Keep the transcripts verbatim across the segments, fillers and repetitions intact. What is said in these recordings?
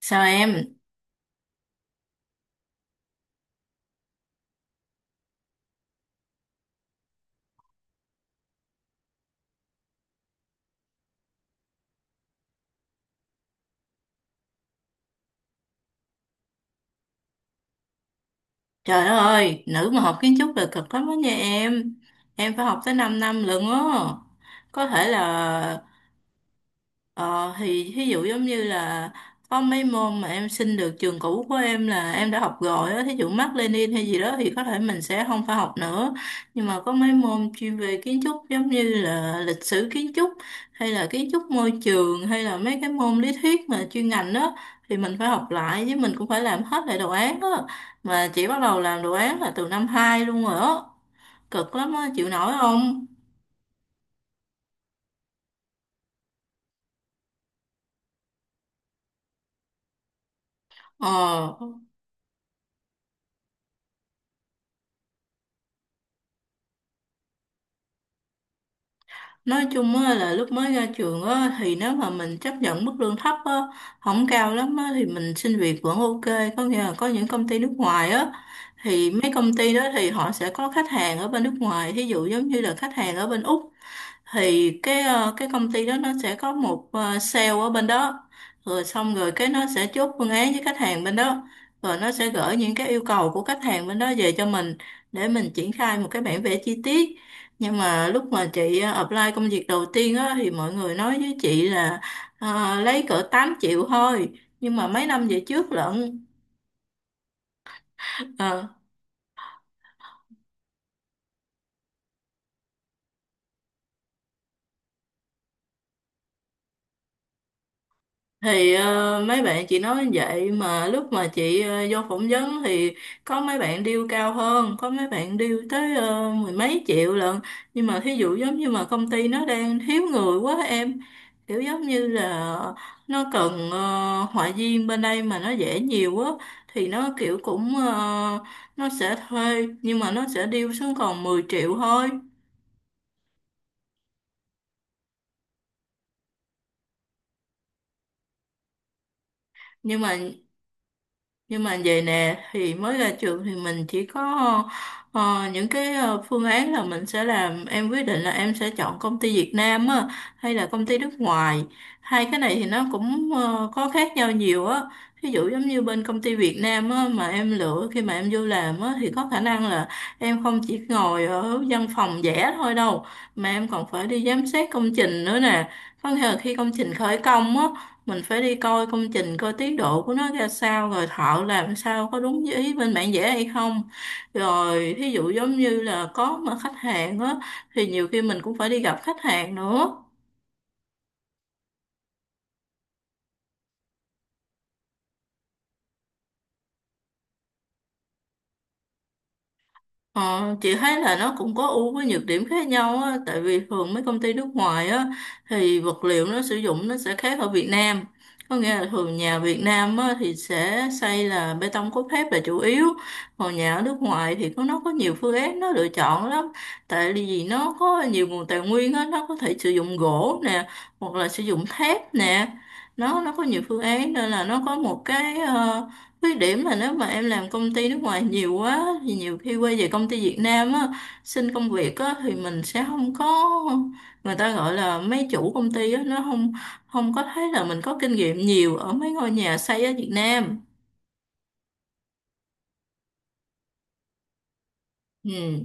Sao em? Trời đất ơi, nữ mà học kiến trúc là cực lắm đó nha em. Em phải học tới 5 năm lận á. Có thể là Ờ thì ví dụ giống như là có mấy môn mà em xin được trường cũ của em là em đã học rồi á, thí dụ Mác Lênin hay gì đó thì có thể mình sẽ không phải học nữa. Nhưng mà có mấy môn chuyên về kiến trúc giống như là lịch sử kiến trúc hay là kiến trúc môi trường hay là mấy cái môn lý thuyết mà chuyên ngành đó thì mình phải học lại với mình cũng phải làm hết lại đồ án á. Mà chỉ bắt đầu làm đồ án là từ năm hai luôn rồi á. Cực lắm á, chịu nổi không? Ờ. Nói chung á, là lúc mới ra trường á, thì nếu mà mình chấp nhận mức lương thấp á, không cao lắm á, thì mình xin việc vẫn ok. Có nghĩa là có những công ty nước ngoài á, thì mấy công ty đó thì họ sẽ có khách hàng ở bên nước ngoài. Thí dụ giống như là khách hàng ở bên Úc thì cái ờ, cái công ty đó nó sẽ có một ờ, sale ở bên đó, rồi xong rồi cái nó sẽ chốt phương án với khách hàng bên đó, rồi nó sẽ gửi những cái yêu cầu của khách hàng bên đó về cho mình để mình triển khai một cái bản vẽ chi tiết. Nhưng mà lúc mà chị ờ, apply công việc đầu tiên á thì mọi người nói với chị là ờ, lấy cỡ tám triệu thôi, nhưng mà mấy năm về trước lận. ờ, thì ờ, mấy bạn chị nói vậy mà lúc mà chị ờ, vô phỏng vấn thì có mấy bạn deal cao hơn, có mấy bạn deal tới ờ, mười mấy triệu lận. Nhưng mà thí dụ giống như mà công ty nó đang thiếu người quá em, kiểu giống như là nó cần ờ, họa viên bên đây mà nó dễ nhiều quá thì nó kiểu cũng ờ, nó sẽ thuê nhưng mà nó sẽ deal xuống còn mười triệu thôi. nhưng mà Nhưng mà vậy nè thì mới ra trường thì mình chỉ có ờ, những cái ờ, phương án là mình sẽ làm, em quyết định là em sẽ chọn công ty Việt Nam á hay là công ty nước ngoài. Hai cái này thì nó cũng ờ, có khác nhau nhiều á. Ví dụ giống như bên công ty Việt Nam á mà em lựa khi mà em vô làm á thì có khả năng là em không chỉ ngồi ở văn phòng vẽ thôi đâu, mà em còn phải đi giám sát công trình nữa nè. Có nghĩa là khi công trình khởi công á, mình phải đi coi công trình, coi tiến độ của nó ra sao, rồi thợ làm sao có đúng như ý bên bản vẽ hay không, rồi thí dụ giống như là có mà khách hàng á thì nhiều khi mình cũng phải đi gặp khách hàng nữa. Ờ, chị thấy là nó cũng có ưu với nhược điểm khác nhau á, tại vì thường mấy công ty nước ngoài á thì vật liệu nó sử dụng nó sẽ khác ở Việt Nam. Có nghĩa là thường nhà Việt Nam á, thì sẽ xây là bê tông cốt thép là chủ yếu, còn nhà ở nước ngoài thì có nó có nhiều phương án nó lựa chọn lắm. Tại vì nó có nhiều nguồn tài nguyên á, nó có thể sử dụng gỗ nè, hoặc là sử dụng thép nè. Nó nó có nhiều phương án nên là nó có một cái ờ, khuyết điểm là nếu mà em làm công ty nước ngoài nhiều quá thì nhiều khi quay về công ty Việt Nam á, xin công việc á thì mình sẽ không có, người ta gọi là mấy chủ công ty á nó không không có thấy là mình có kinh nghiệm nhiều ở mấy ngôi nhà xây ở Việt Nam. Ừ.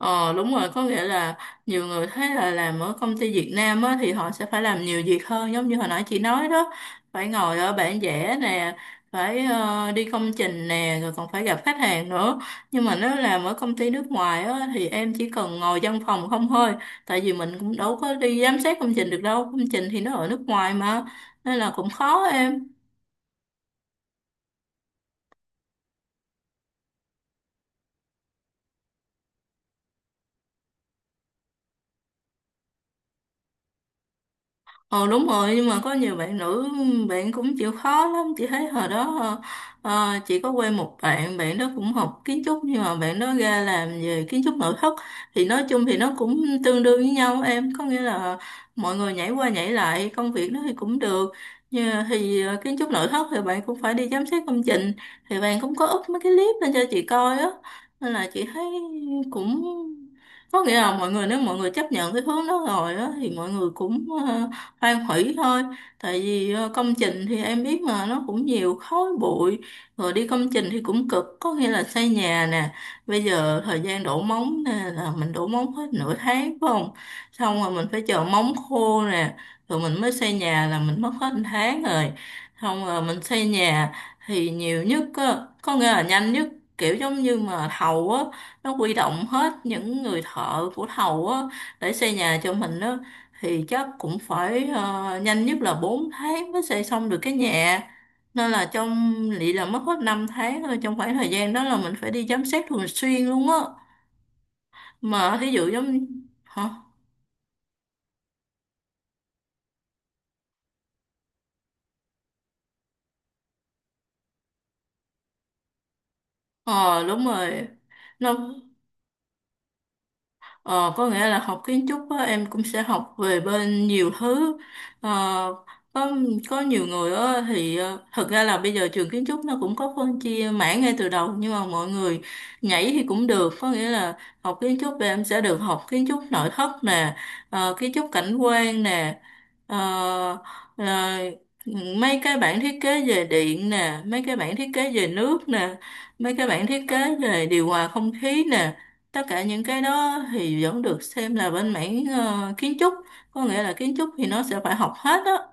Ờ đúng rồi, có nghĩa là nhiều người thấy là làm ở công ty Việt Nam á, thì họ sẽ phải làm nhiều việc hơn giống như hồi nãy chị nói đó, phải ngồi ở bản vẽ nè, phải ờ, đi công trình nè, rồi còn phải gặp khách hàng nữa. Nhưng mà nếu làm ở công ty nước ngoài á, thì em chỉ cần ngồi văn phòng không thôi, tại vì mình cũng đâu có đi giám sát công trình được đâu, công trình thì nó ở nước ngoài mà, nên là cũng khó em. Ờ đúng rồi, nhưng mà có nhiều bạn nữ bạn cũng chịu khó lắm, chị thấy hồi đó ờ, chị có quen một bạn, bạn đó cũng học kiến trúc nhưng mà bạn đó ra làm về kiến trúc nội thất, thì nói chung thì nó cũng tương đương với nhau em, có nghĩa là mọi người nhảy qua nhảy lại công việc nó thì cũng được. Nhưng mà thì ờ, kiến trúc nội thất thì bạn cũng phải đi giám sát công trình, thì bạn cũng có up mấy cái clip lên cho chị coi á, nên là chị thấy cũng có nghĩa là mọi người, nếu mọi người chấp nhận cái hướng đó rồi á thì mọi người cũng ờ, hoang hủy thôi. Tại vì ờ, công trình thì em biết mà nó cũng nhiều khói bụi, rồi đi công trình thì cũng cực, có nghĩa là xây nhà nè, bây giờ thời gian đổ móng nè là mình đổ móng hết nửa tháng phải không, xong rồi mình phải chờ móng khô nè, rồi mình mới xây nhà là mình mất hết một tháng rồi, xong rồi mình xây nhà thì nhiều nhất á, có nghĩa là nhanh nhất, kiểu giống như mà thầu á nó huy động hết những người thợ của thầu á để xây nhà cho mình á thì chắc cũng phải ờ, nhanh nhất là bốn tháng mới xây xong được cái nhà, nên là trong lị là mất hết năm tháng thôi, trong khoảng thời gian đó là mình phải đi giám sát thường xuyên luôn á. Mà thí dụ giống. Hả? Ờ đúng rồi, nó. Ờ, có nghĩa là học kiến trúc á, em cũng sẽ học về bên nhiều thứ. Ờ, có có nhiều người á, thì ờ, thật ra là bây giờ trường kiến trúc nó cũng có phân chia mảng ngay từ đầu, nhưng mà mọi người nhảy thì cũng được. Có nghĩa là học kiến trúc thì em sẽ được học kiến trúc nội thất nè, ờ, kiến trúc cảnh quan nè, ờ, rồi mấy cái bản thiết kế về điện nè, mấy cái bản thiết kế về nước nè, mấy cái bản thiết kế về điều hòa không khí nè, tất cả những cái đó thì vẫn được xem là bên mảng ờ, kiến trúc, có nghĩa là kiến trúc thì nó sẽ phải học hết đó.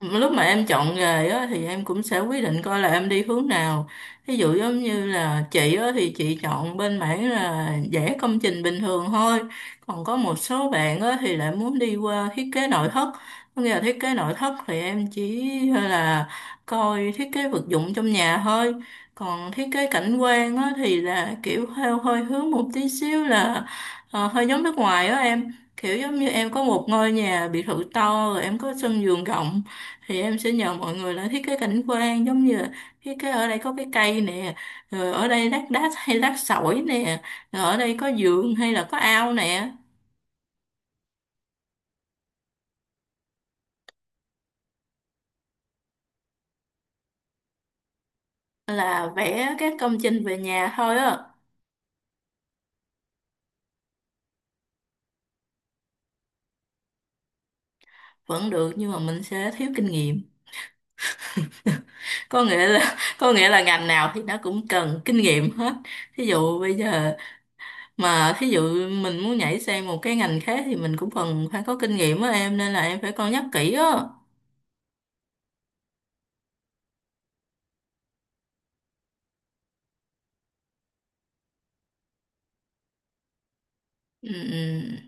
Lúc mà em chọn nghề á, thì em cũng sẽ quyết định coi là em đi hướng nào, ví dụ giống như là chị á, thì chị chọn bên mảng là vẽ công trình bình thường thôi, còn có một số bạn á, thì lại muốn đi qua thiết kế nội thất, có nghĩa là thiết kế nội thất thì em chỉ là coi thiết kế vật dụng trong nhà thôi. Còn thiết kế cảnh quan á, thì là kiểu theo hơi hướng một tí xíu là ờ, hơi giống nước ngoài á em, kiểu giống như em có một ngôi nhà biệt thự to rồi em có sân vườn rộng thì em sẽ nhờ mọi người là thiết kế cảnh quan, giống như là thiết kế ở đây có cái cây nè, rồi ở đây lát đá hay lát sỏi nè, rồi ở đây có giường hay là có ao nè, là vẽ các công trình về nhà thôi á. Vẫn được, nhưng mà mình sẽ thiếu kinh nghiệm. có nghĩa là có nghĩa là ngành nào thì nó cũng cần kinh nghiệm hết, thí dụ bây giờ mà thí dụ mình muốn nhảy sang một cái ngành khác thì mình cũng cần phải có kinh nghiệm á em, nên là em phải cân nhắc kỹ á. Ừ. Ừ.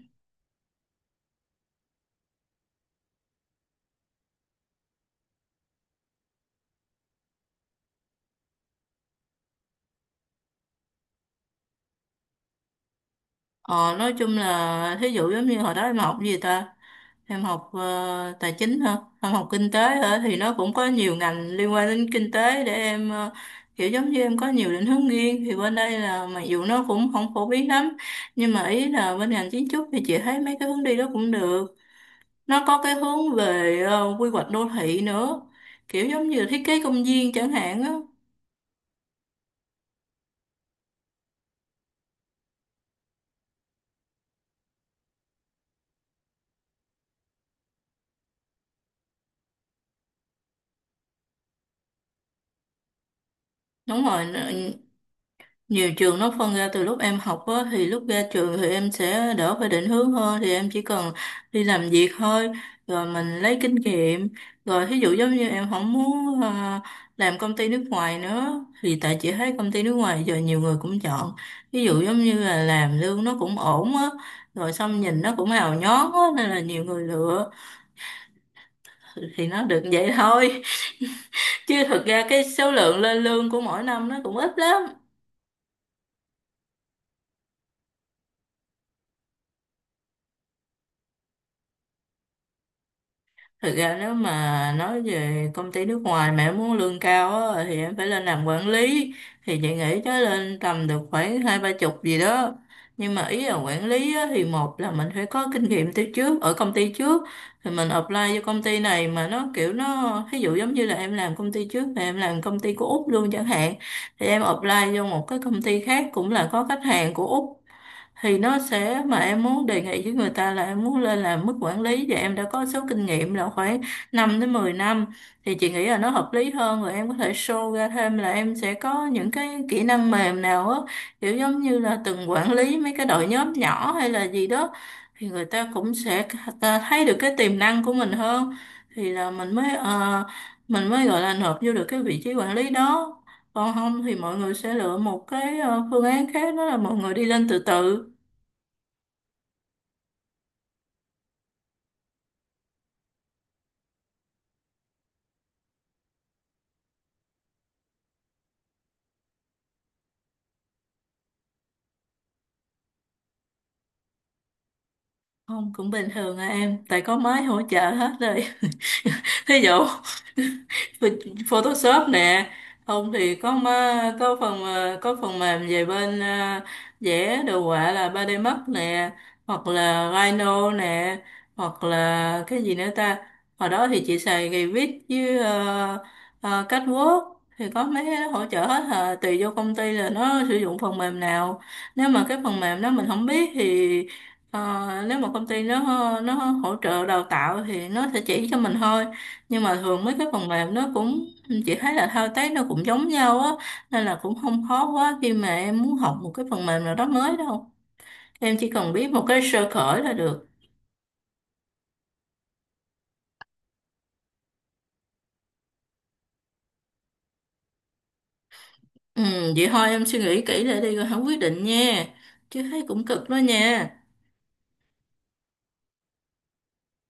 Ờ, nói chung là thí dụ giống như hồi đó em học gì ta, em học ờ, tài chính hả, em học kinh tế hả? Thì nó cũng có nhiều ngành liên quan đến kinh tế để em ờ, kiểu giống như em có nhiều định hướng riêng. Thì bên đây là mặc dù nó cũng không phổ biến lắm, nhưng mà ý là bên ngành kiến trúc thì chị thấy mấy cái hướng đi đó cũng được. Nó có cái hướng về ờ, quy hoạch đô thị nữa, kiểu giống như thiết kế công viên chẳng hạn á. Đúng rồi. Nhiều trường nó phân ra từ lúc em học á, thì lúc ra trường thì em sẽ đỡ phải định hướng hơn, thì em chỉ cần đi làm việc thôi, rồi mình lấy kinh nghiệm. Rồi thí dụ giống như em không muốn à, làm công ty nước ngoài nữa, thì tại chị thấy công ty nước ngoài giờ nhiều người cũng chọn, ví dụ giống như là làm lương nó cũng ổn á, rồi xong nhìn nó cũng hào nhoáng á nên là nhiều người lựa, thì nó được vậy thôi. Chứ thực ra cái số lượng lên lương của mỗi năm nó cũng ít lắm. Thực ra nếu mà nói về công ty nước ngoài mà em muốn lương cao á, thì em phải lên làm quản lý, thì chị nghĩ tới lên tầm được khoảng hai ba chục gì đó. Nhưng mà ý là quản lý á, thì một là mình phải có kinh nghiệm từ trước ở công ty trước, thì mình apply cho công ty này, mà nó kiểu nó ví dụ giống như là em làm công ty trước mà em làm công ty của Úc luôn chẳng hạn, thì em apply vô một cái công ty khác cũng là có khách hàng của Úc, thì nó sẽ, mà em muốn đề nghị với người ta là em muốn lên làm mức quản lý và em đã có số kinh nghiệm là khoảng năm đến mười năm, thì chị nghĩ là nó hợp lý hơn. Rồi em có thể show ra thêm là em sẽ có những cái kỹ năng mềm nào á, kiểu giống như là từng quản lý mấy cái đội nhóm nhỏ hay là gì đó, thì người ta cũng sẽ, ta thấy được cái tiềm năng của mình hơn, thì là mình mới ờ, mình mới gọi là nộp vô được cái vị trí quản lý đó. Còn không thì mọi người sẽ lựa một cái ờ, phương án khác, đó là mọi người đi lên từ từ. Không, cũng bình thường à em, tại có máy hỗ trợ hết rồi. Thí dụ, Photoshop nè, không thì có ma- có phần ờ, có phần mềm về bên ờ, vẽ đồ họa, là 3D Max nè, hoặc là Rhino nè, hoặc là cái gì nữa ta, hồi đó thì chị xài Revit với ờ, ờ, CatWalk, thì có mấy cái đó hỗ trợ hết à. Tùy vô công ty là nó sử dụng phần mềm nào, nếu mà cái phần mềm đó mình không biết thì ờ, nếu mà công ty nó nó hỗ trợ đào tạo thì nó sẽ chỉ cho mình thôi. Nhưng mà thường mấy cái phần mềm nó cũng, chị thấy là thao tác nó cũng giống nhau á, nên là cũng không khó quá khi mà em muốn học một cái phần mềm nào đó mới đâu, em chỉ cần biết một cái sơ khởi là được. Ừ, vậy thôi em suy nghĩ kỹ lại đi rồi hãng quyết định nha, chứ thấy cũng cực đó nha.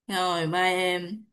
Rồi bye em.